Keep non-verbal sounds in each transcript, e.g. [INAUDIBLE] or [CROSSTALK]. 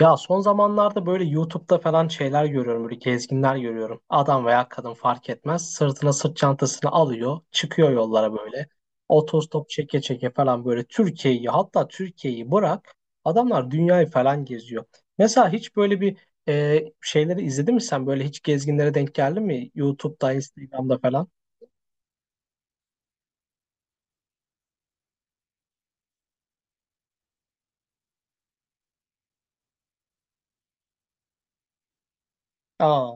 Ya son zamanlarda böyle YouTube'da falan şeyler görüyorum, böyle gezginler görüyorum. Adam veya kadın fark etmez. Sırtına sırt çantasını alıyor, çıkıyor yollara böyle. Otostop çeke çeke falan böyle Türkiye'yi, hatta Türkiye'yi bırak. Adamlar dünyayı falan geziyor. Mesela hiç böyle bir şeyleri izledin mi sen? Böyle hiç gezginlere denk geldin mi? YouTube'da, Instagram'da falan. Aa,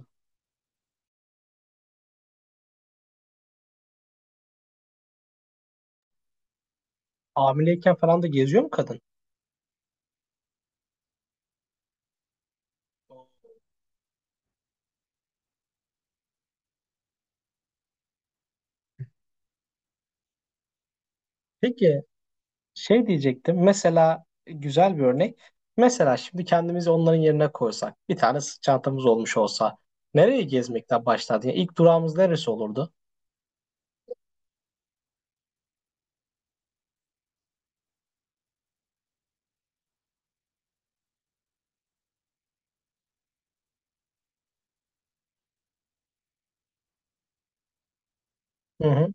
hamileyken falan da geziyor mu kadın? Peki, şey diyecektim. Mesela güzel bir örnek. Mesela şimdi kendimizi onların yerine koysak, bir tane sırt çantamız olmuş olsa, nereye gezmekten başlardı? Yani ilk durağımız neresi olurdu? Hı hı.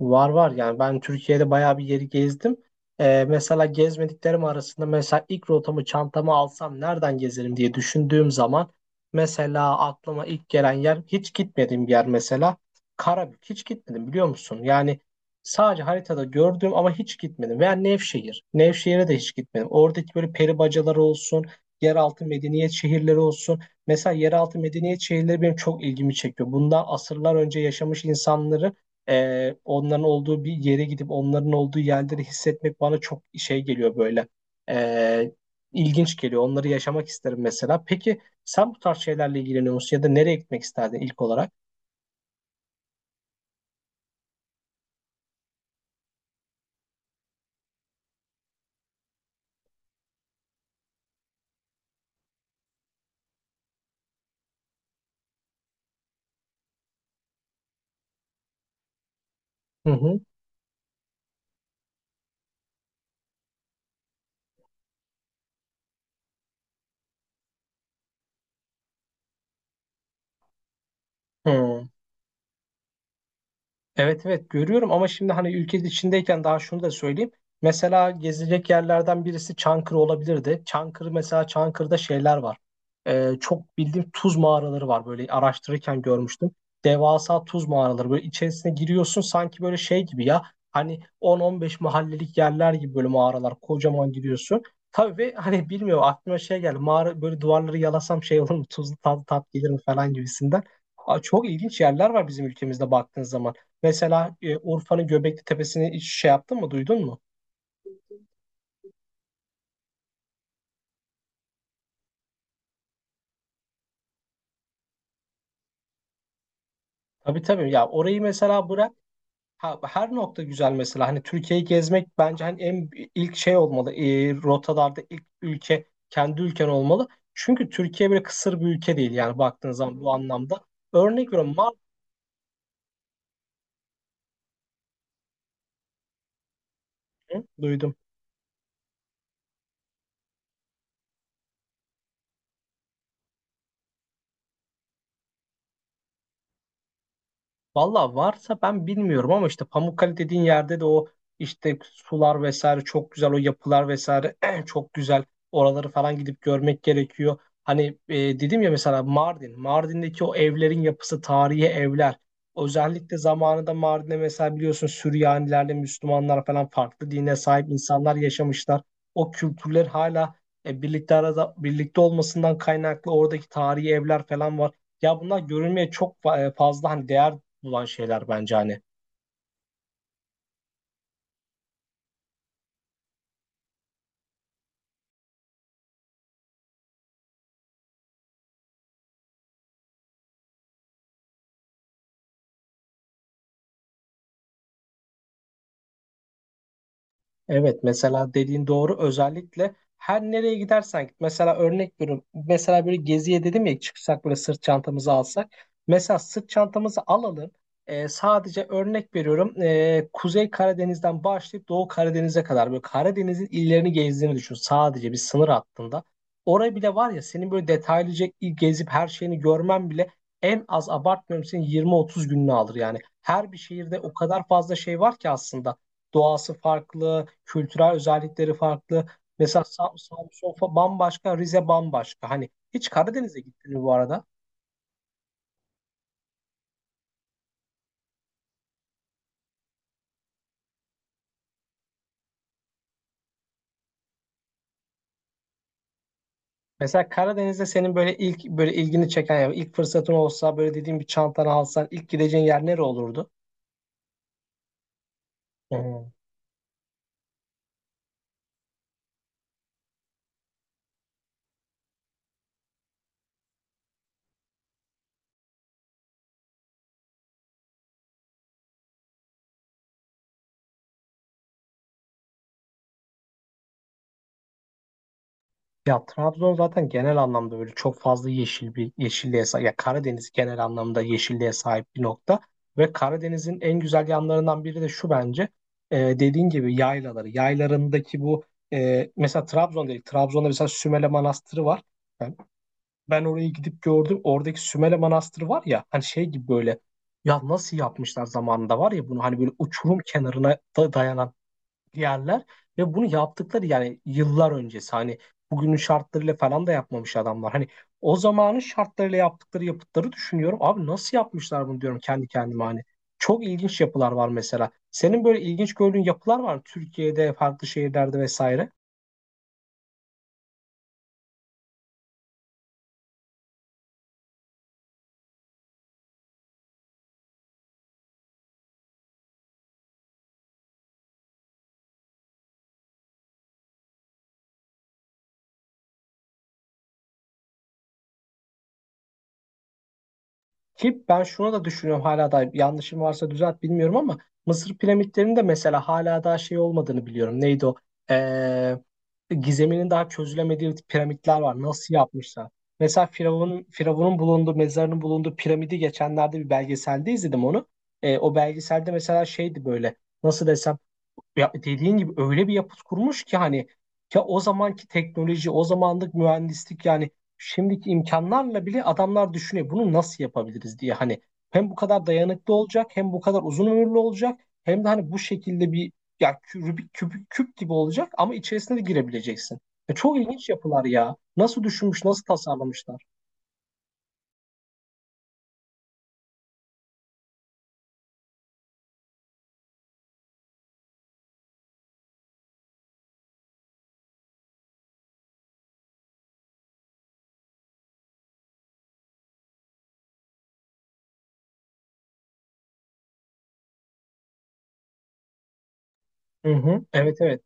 Var var, yani ben Türkiye'de bayağı bir yeri gezdim. Mesela gezmediklerim arasında mesela ilk rotamı çantama alsam nereden gezerim diye düşündüğüm zaman mesela aklıma ilk gelen yer, hiç gitmediğim bir yer mesela, Karabük hiç gitmedim, biliyor musun? Yani sadece haritada gördüm ama hiç gitmedim, veya Nevşehir. Nevşehir'e de hiç gitmedim. Oradaki böyle peri bacaları olsun, yeraltı medeniyet şehirleri olsun. Mesela yeraltı medeniyet şehirleri benim çok ilgimi çekiyor. Bundan asırlar önce yaşamış insanları, onların olduğu bir yere gidip onların olduğu yerleri hissetmek bana çok şey geliyor böyle. Ee, ilginç geliyor. Onları yaşamak isterim mesela. Peki sen bu tarz şeylerle ilgileniyor musun, ya da nereye gitmek isterdin ilk olarak? Hı hı. Hı. Evet evet, görüyorum ama şimdi hani ülke içindeyken daha şunu da söyleyeyim. Mesela gezilecek yerlerden birisi Çankırı olabilirdi. Çankırı, mesela Çankırı'da şeyler var. Çok bildiğim tuz mağaraları var, böyle araştırırken görmüştüm. Devasa tuz mağaraları, böyle içerisine giriyorsun sanki böyle şey gibi ya. Hani 10-15 mahallelik yerler gibi böyle mağaralar, kocaman giriyorsun. Tabii, ve hani bilmiyorum aklıma şey geldi. Mağara böyle duvarları yalasam şey olur mu, tuzlu tat, tat gelir mi falan gibisinden. Aa, çok ilginç yerler var bizim ülkemizde baktığın zaman. Mesela Urfa'nın Göbekli Tepesi'ni hiç şey yaptın mı, duydun mu? Tabii tabii. Ya orayı mesela bırak. Ha, her nokta güzel mesela. Hani Türkiye'yi gezmek bence hani en ilk şey olmalı. E, rotalarda ilk ülke kendi ülken olmalı. Çünkü Türkiye böyle kısır bir ülke değil, yani baktığın zaman bu anlamda. Örnek veriyorum, Mardin. Duydum. Valla varsa ben bilmiyorum, ama işte Pamukkale dediğin yerde de o işte sular vesaire çok güzel, o yapılar vesaire [CLEARS THROAT] çok güzel. Oraları falan gidip görmek gerekiyor. Hani dedim ya mesela Mardin, Mardin'deki o evlerin yapısı, tarihi evler. Özellikle zamanında Mardin'de mesela biliyorsun, Süryanilerle Müslümanlar falan farklı dine sahip insanlar yaşamışlar. O kültürler hala birlikte, arada birlikte olmasından kaynaklı oradaki tarihi evler falan var. Ya bunlar görülmeye çok fazla hani değer bulan şeyler bence hani. Evet, mesela dediğin doğru, özellikle her nereye gidersen git. Mesela örnek veriyorum. Mesela böyle geziye dedim ya, çıksak böyle sırt çantamızı alsak. Mesela sırt çantamızı alalım. Sadece örnek veriyorum. Kuzey Karadeniz'den başlayıp Doğu Karadeniz'e kadar böyle Karadeniz'in illerini gezdiğini düşün. Sadece bir sınır hattında. Oraya bile var ya, senin böyle detaylıca gezip her şeyini görmen bile en az, abartmıyorum, senin 20-30 gününü alır yani. Her bir şehirde o kadar fazla şey var ki aslında. Doğası farklı, kültürel özellikleri farklı. Mesela Samsun bambaşka, Rize bambaşka. Hani hiç Karadeniz'e gittin mi bu arada? Mesela Karadeniz'de senin böyle ilk böyle ilgini çeken, ya ilk fırsatın olsa böyle dediğim bir çantanı alsan ilk gideceğin yer nere olurdu? Hı. Ya Trabzon zaten genel anlamda böyle çok fazla yeşil, bir yeşilliğe sahip. Ya Karadeniz genel anlamda yeşilliğe sahip bir nokta. Ve Karadeniz'in en güzel yanlarından biri de şu bence. Dediğin gibi yaylaları. Yaylarındaki bu mesela Trabzon değil. Trabzon'da mesela Sümele Manastırı var. Ben, ben orayı gidip gördüm. Oradaki Sümele Manastırı var ya, hani şey gibi böyle, ya nasıl yapmışlar zamanında var ya bunu, hani böyle uçurum kenarına da dayanan yerler, ve bunu yaptıkları yani yıllar öncesi, hani bugünün şartlarıyla falan da yapmamış adamlar. Hani o zamanın şartlarıyla yaptıkları yapıtları düşünüyorum. Abi nasıl yapmışlar bunu diyorum kendi kendime hani. Çok ilginç yapılar var mesela. Senin böyle ilginç gördüğün yapılar var mı? Türkiye'de, farklı şehirlerde vesaire. Ki ben şuna da düşünüyorum, hala da yanlışım varsa düzelt bilmiyorum ama Mısır piramitlerinin de mesela hala daha şey olmadığını biliyorum. Neydi o? Ee, Gizeminin daha çözülemediği piramitler var. Nasıl yapmışlar? Mesela Firavun'un bulunduğu, mezarının bulunduğu piramidi geçenlerde bir belgeselde izledim onu. E, o belgeselde mesela şeydi böyle, nasıl desem, ya dediğin gibi öyle bir yapıt kurmuş ki hani, ya o zamanki teknoloji, o zamanlık mühendislik yani şimdiki imkanlarla bile adamlar düşünüyor bunu nasıl yapabiliriz diye hani, hem bu kadar dayanıklı olacak, hem bu kadar uzun ömürlü olacak, hem de hani bu şekilde bir, ya Rubik küp, küp gibi olacak ama içerisine de girebileceksin. Ya çok ilginç yapılar ya. Nasıl düşünmüş, nasıl tasarlamışlar? Hı hı. Evet evet.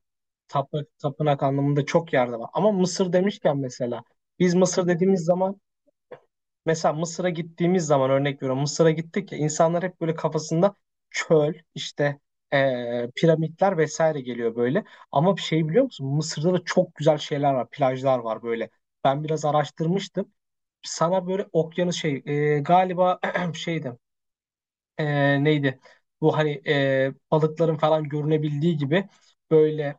Tapınak, tapınak anlamında çok yerde var. Ama Mısır demişken mesela biz Mısır dediğimiz zaman mesela Mısır'a gittiğimiz zaman örnek veriyorum. Mısır'a gittik ya, insanlar hep böyle kafasında çöl, işte piramitler vesaire geliyor böyle. Ama bir şey biliyor musun? Mısır'da da çok güzel şeyler var, plajlar var böyle. Ben biraz araştırmıştım. Sana böyle okyanus şey galiba [CLEARS THROAT] şeydi, neydi? Bu hani balıkların falan görünebildiği gibi böyle.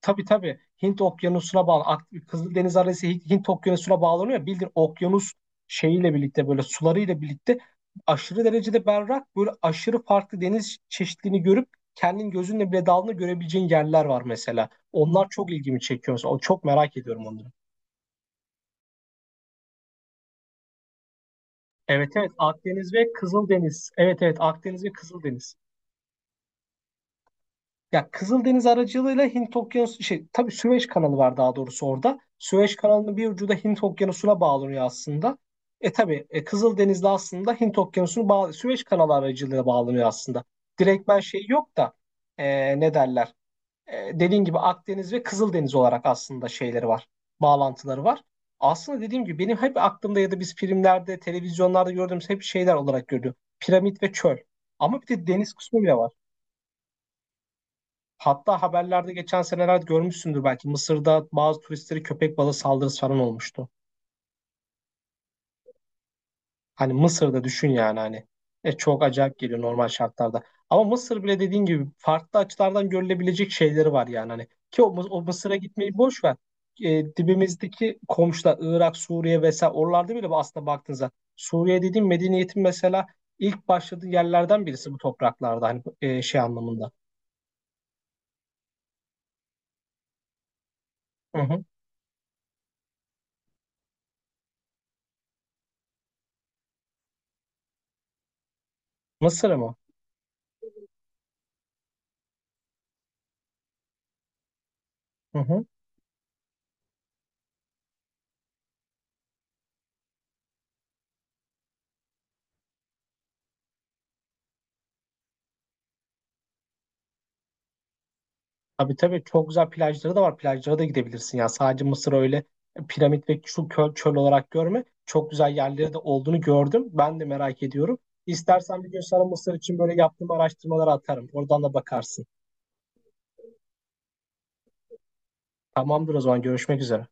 Tabii tabii, Hint Okyanusu'na bağlı. Kızıldeniz arası Hint, Okyanusu'na bağlanıyor. Bildiğin okyanus şeyiyle birlikte, böyle sularıyla birlikte aşırı derecede berrak, böyle aşırı farklı deniz çeşitliliğini görüp kendin gözünle bile dalını görebileceğin yerler var mesela. Onlar çok ilgimi çekiyor. Mesela. Çok merak ediyorum onları. Evet evet, Akdeniz ve Kızıldeniz. Evet evet, Akdeniz ve Kızıldeniz. Ya Kızıldeniz aracılığıyla Hint Okyanusu şey, tabii Süveyş kanalı var daha doğrusu orada. Süveyş kanalının bir ucu da Hint Okyanusu'na bağlanıyor aslında. E tabii, Kızıldeniz'le aslında Hint Okyanusu'nu bağ, Süveyş kanalı aracılığıyla bağlanıyor aslında. Direktmen şey yok da, ne derler? E, dediğim gibi Akdeniz ve Kızıldeniz olarak aslında şeyleri var. Bağlantıları var. Aslında dediğim gibi benim hep aklımda, ya da biz filmlerde, televizyonlarda gördüğümüz hep şeyler olarak görüyorum. Piramit ve çöl. Ama bir de deniz kısmı bile var. Hatta haberlerde geçen senelerde görmüşsündür belki, Mısır'da bazı turistleri köpek balığı saldırısı falan olmuştu. Hani Mısır'da düşün yani hani. E çok acayip geliyor normal şartlarda. Ama Mısır bile dediğin gibi farklı açılardan görülebilecek şeyleri var yani hani. Ki o, o Mısır'a gitmeyi boş ver. E, dibimizdeki komşular Irak, Suriye vesaire, oralarda bile aslında baktığınızda Suriye dediğim, medeniyetin mesela ilk başladığı yerlerden birisi bu topraklarda hani, şey anlamında. Hı hı. Mısır mı? Hı hı. Tabii tabii, çok güzel plajları da var. Plajlara da gidebilirsin ya. Sadece Mısır öyle piramit ve şu çöl olarak görme. Çok güzel yerleri de olduğunu gördüm. Ben de merak ediyorum. İstersen bir gün sana Mısır için böyle yaptığım araştırmaları atarım. Oradan da bakarsın. Tamamdır o zaman, görüşmek üzere.